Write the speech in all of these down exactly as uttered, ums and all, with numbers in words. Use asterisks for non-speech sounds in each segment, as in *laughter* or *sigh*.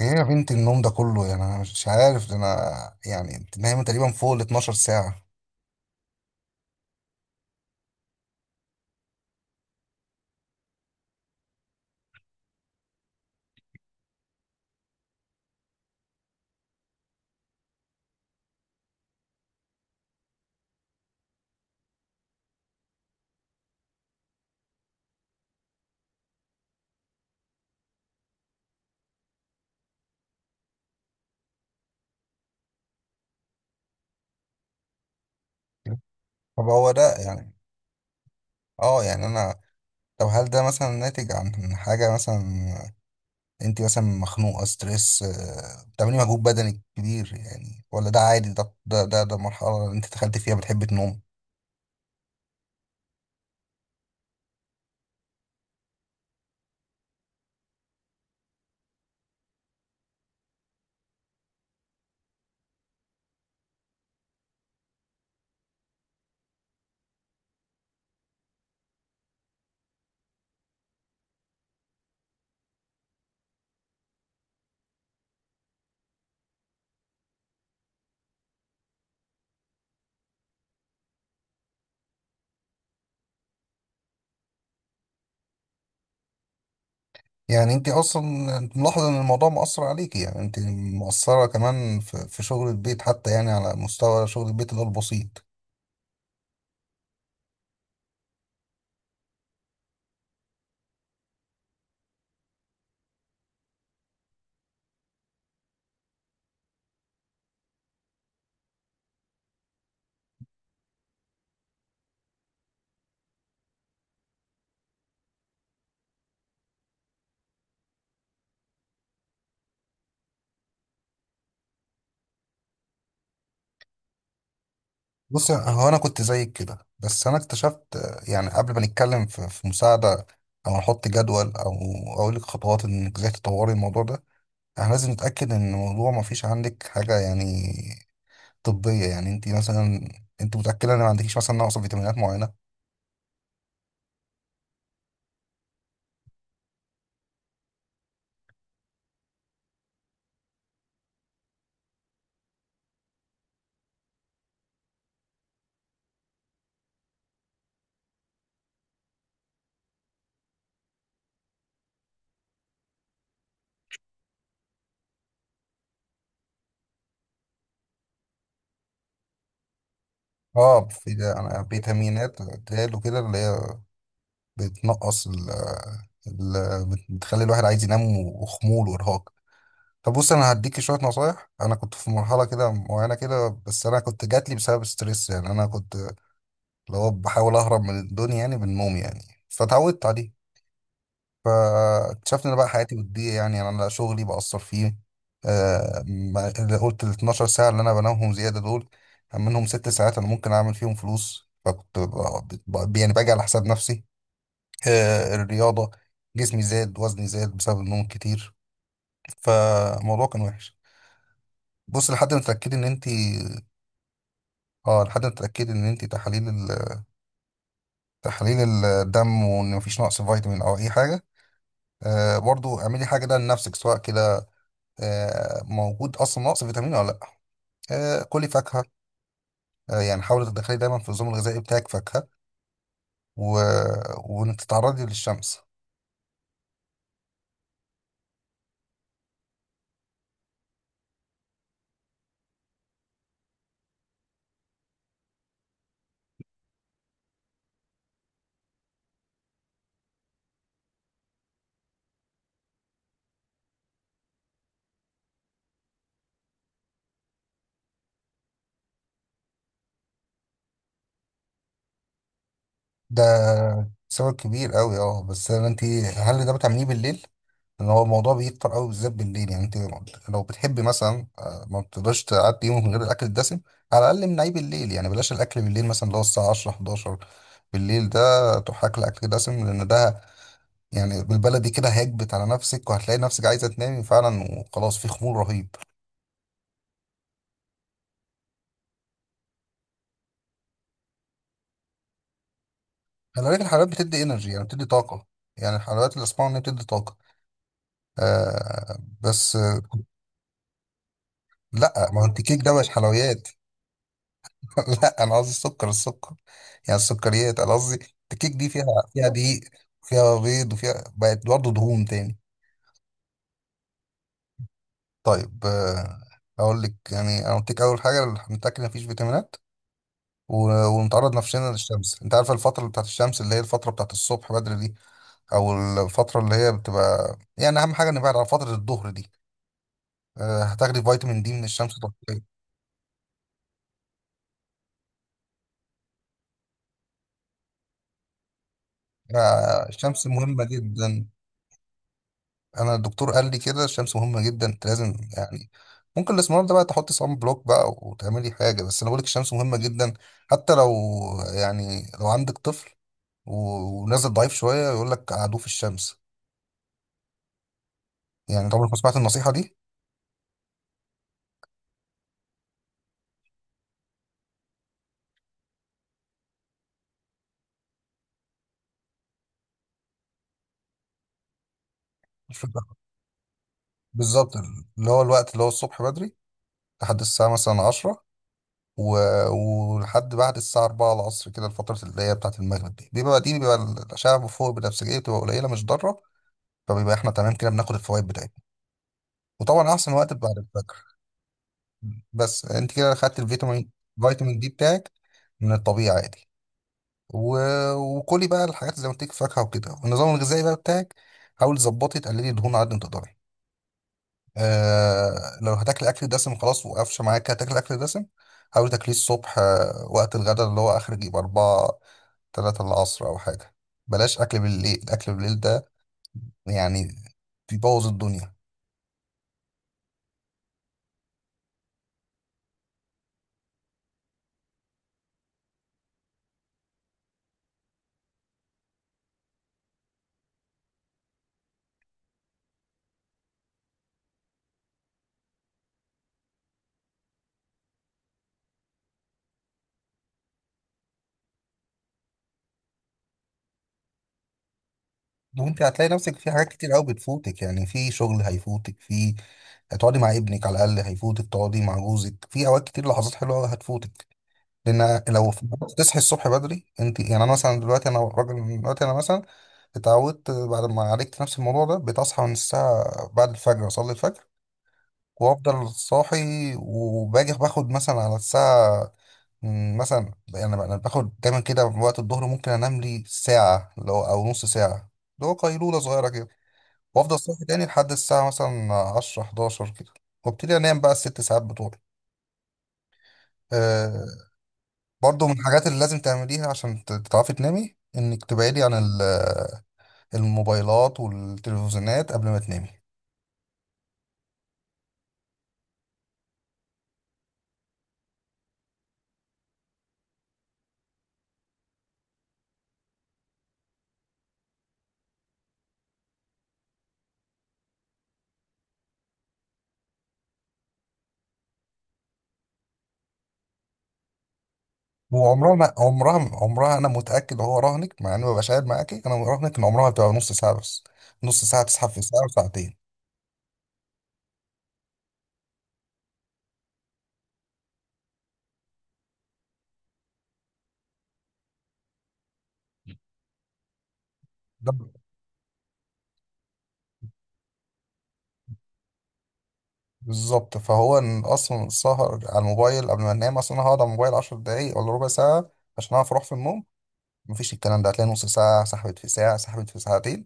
ايه يا بنت، النوم ده كله يعني؟ انا مش عارف، ده انا يعني انت نايمه تقريبا فوق ال اثنا عشر ساعه. طب هو ده يعني، اه يعني انا، طب هل ده مثلا ناتج عن حاجه؟ مثلا انت مثلا مخنوقه، ستريس، آه، بتعملي مجهود بدني كبير يعني؟ ولا ده عادي؟ ده ده ده, ده مرحله اللي انت دخلت فيها بتحب تنوم. يعني انت اصلا، انت ملاحظه ان الموضوع مأثر عليكي؟ يعني انت مقصره كمان في في شغل البيت حتى، يعني على مستوى شغل البيت اللي هو البسيط. بص، هو انا كنت زيك كده، بس انا اكتشفت، آه، يعني قبل ما نتكلم في في مساعده، او نحط جدول، او اقول لك خطوات انك ازاي تطوري الموضوع ده، احنا لازم نتاكد ان الموضوع ما فيش عندك حاجه يعني طبيه. يعني انت مثلا، انت متاكده ان ما عندكيش مثلا نقص فيتامينات معينه؟ اه، في أنا فيتامينات تقال وكده، اللي هي بتنقص، ال ال- بتخلي الواحد عايز ينام، وخمول، وارهاق. طب بص، انا هديكي شويه نصايح. انا كنت في مرحله كده معينه كده، بس انا كنت جاتلي بسبب ستريس، يعني انا كنت اللي هو بحاول اهرب من الدنيا يعني بالنوم، يعني فتعودت عليه. فاكتشفت ان بقى حياتي بتضيع. يعني يعني انا، لا شغلي بأثر فيه، آه ما- اللي قلت ال اتناشر ساعه اللي انا بنامهم زياده دول، منهم ست ساعات انا ممكن اعمل فيهم فلوس، فكنت ب- ب- يعني باجي على حساب نفسي، آه الرياضه. جسمي زاد، وزني زاد بسبب النوم كتير، فالموضوع كان وحش. بص، لحد ما تتاكدي ان انت اه لحد ما تتاكدي ان انت تحاليل ال... *hesitation* تحاليل الدم، وان مفيش نقص فيتامين او اي حاجه. آه برضو اعملي حاجه ده لنفسك، سواء كده آه موجود اصلا نقص فيتامين ولا لا. آه كلي فاكهه، آه يعني حاولي تدخلي دايما في النظام الغذائي بتاعك فاكهه، و... وانك تتعرضي للشمس. ده سبب كبير قوي، اه بس انت، هل ده بتعمليه بالليل؟ لان هو الموضوع بيكتر قوي بالذات بالليل. يعني انت لو بتحبي مثلا، آه، ما بتقدرش تعدي يومك من غير الاكل الدسم، على الاقل منعيه بالليل. يعني بلاش الاكل بالليل، مثلا اللي هو الساعه عشرة حداشر بالليل ده، تروح اكل اكل دسم، لان ده يعني بالبلدي كده هيكبت على نفسك، وهتلاقي نفسك عايزه تنامي فعلا، وخلاص في خمول رهيب. خلي بالك، الحلويات بتدي انرجي، يعني بتدي طاقه. يعني الحلويات اللي اسمعها ان هي بتدي طاقه، آه بس، لا ما هو انت كيك ده مش حلويات. *laughs* لا انا قصدي السكر، السكر يعني السكريات انا قصدي. الكيك دي فيها، فيها دقيق، فيها بيض، وفيها بقت برضه دهون تاني. طيب، آه، اقول لك. يعني انا قلت لك اول حاجه، نتاكد مفيش فيتامينات، و- ونتعرض نفسنا للشمس. انت عارف الفتره بتاعت الشمس اللي هي الفتره بتاعت الصبح بدري دي، او الفتره اللي هي بتبقى، يعني اهم حاجه نبعد عن فتره الظهر دي. آه، هتاخدي فيتامين دي من الشمس طبيعي. آه، الشمس مهمه جدا. انا الدكتور قال لي كده، الشمس مهمه جدا، انت لازم يعني، ممكن الاسمرار ده بقى تحط صن بلوك بقى وتعملي حاجه، بس انا بقول لك الشمس مهمه جدا. حتى لو يعني لو عندك طفل و- ونازل ضعيف شويه، يقول لك قعدوه في الشمس. يعني انت عمرك ما سمعت النصيحه دي؟ مش فاكر. بالظبط اللي هو الوقت، اللي هو الصبح بدري لحد الساعه مثلا عشرة، و... ولحد بعد الساعه اربعة العصر كده، الفتره اللي هي بتاعه المغرب دي بيبقى دي بيبقى الاشعه فوق البنفسجيه بتبقى قليله، مش ضاره. فبيبقى احنا تمام كده، بناخد الفوائد بتاعتها. وطبعا احسن وقت بعد الفجر. بس انت كده خدت الفيتامين، فيتامين دي بتاعك، من الطبيعي عادي. و... وكلي بقى الحاجات زي ما قلت لك، فاكهه وكده، والنظام الغذائي بقى بتاعك، حاولي تظبطي تقللي دهون على قد ما تقدري. آه... لو هتاكلي اكل دسم، خلاص وقفش معاك، هتاكلي اكل دسم. حاولي تاكليه الصبح، آه، وقت الغداء اللي هو اخر يبقى أربعة، تلاتة العصر أو حاجة. بلاش أكل بالليل، أكل بالليل ده يعني بيبوظ الدنيا. وانت هتلاقي نفسك في حاجات كتير قوي بتفوتك. يعني في شغل هيفوتك، في هتقعدي مع ابنك على الاقل هيفوتك، تقعدي مع جوزك في اوقات كتير، لحظات حلوه قوي هتفوتك، لان لو في- تصحي الصبح بدري، انت يعني انا مثلا دلوقتي، انا راجل دلوقتي، انا مثلا اتعودت بعد ما عالجت نفس الموضوع ده، بتصحى من الساعه، بعد الفجر اصلي الفجر، وافضل صاحي، وباجي باخد مثلا على الساعه، مم، مثلا انا انا باخد دايما كده وقت الظهر، ممكن انام لي ساعه، لو- او نص ساعه، اللي هو قيلوله صغيره كده. وافضل صاحي تاني لحد الساعه مثلا عشرة احد عشر كده، وابتدي انام بقى الست ساعات بتوعي. آه برضو من الحاجات اللي لازم تعمليها عشان ت- تعرفي تنامي، انك تبعدي عن ال- الموبايلات والتلفزيونات قبل ما تنامي. وعمرها ما عمرها عمرها انا متاكد، هو رهنك مع اني مبقاش قاعد معاكي، انا راهنك ان عمرها بتبقى نص ساعه بس، نص ساعه تسحب في ساعه وساعتين. ده بالظبط، فهو إن اصلا السهر على الموبايل قبل ما انام، اصلا انا هقعد على الموبايل عشر دقايق ولا ربع ساعه عشان اعرف اروح في النوم، مفيش. الكلام ده هتلاقي نص ساعة سحبت في ساعة، سحبت في ساعتين،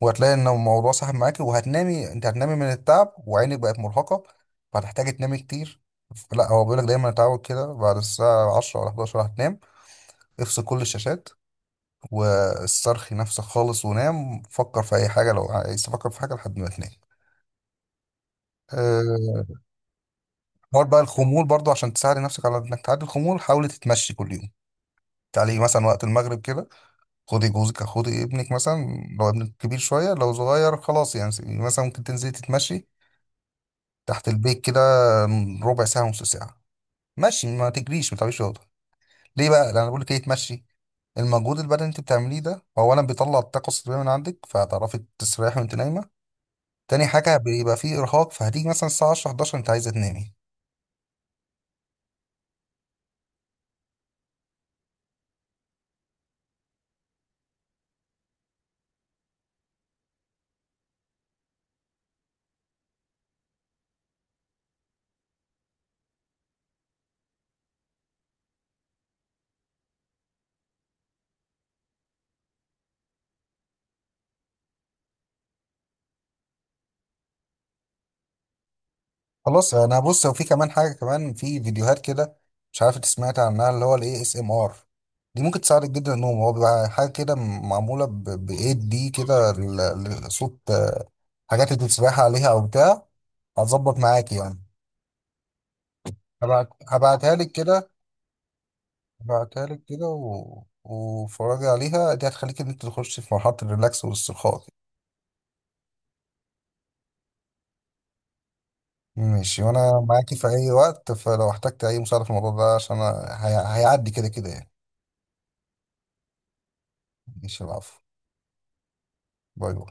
وهتلاقي ان الموضوع سحب معاك، وهتنامي. انت هتنامي من التعب وعينك بقت مرهقة، فهتحتاجي تنامي كتير. لا، هو بيقولك دايما اتعود كده، بعد الساعة عشرة ولا احد عشر هتنام، افصل كل الشاشات، واسترخي نفسك خالص، ونام، فكر في أي حاجة لو عايز تفكر في حاجة لحد ما تنام. أه، حوار بقى الخمول برضو، عشان تساعد نفسك على انك تعدي الخمول، حاولي تتمشي كل يوم. تعالي مثلا وقت المغرب كده، خدي جوزك، خدي ابنك مثلا، لو ابنك كبير شوية، لو صغير خلاص يعني. مثلا ممكن تنزلي تتمشي تحت البيت كده، ربع ساعة نص ساعة، مشي، ما تجريش، ما تعمليش رياضة. ليه بقى؟ لأن أنا بقول لك إيه، تمشي. المجهود البدني اللي أنت بتعمليه ده، أولا بيطلع الطاقة السلبية من عندك، فهتعرفي تستريحي وأنت نايمة. تاني حاجة بيبقى فيه إرهاق، فهتيجي مثلا الساعة عشرة حداشر أنت عايزة تنامي. خلاص انا، بص، وفي كمان حاجه كمان، في فيديوهات كده مش عارف انت سمعت عنها، اللي هو الاي اس ام ار. دي ممكن تساعدك جدا النوم، هو بيبقى حاجه كده معموله بايد دي كده، ال- ال- صوت، آه، حاجات انت بتسبحي عليها او بتاع، هتظبط معاك يعني. هبعت هبعتها لك كده، هبعتها لك كده، و... وفرجي عليها، دي هتخليك ان انت تخش في مرحله الريلاكس والاسترخاء كده. ماشي، وانا معاكي في اي وقت، فلو احتجت اي مساعده في الموضوع ده، عشان أنا هي... هيعدي كده كده يعني. ماشي، العفو. باي باي.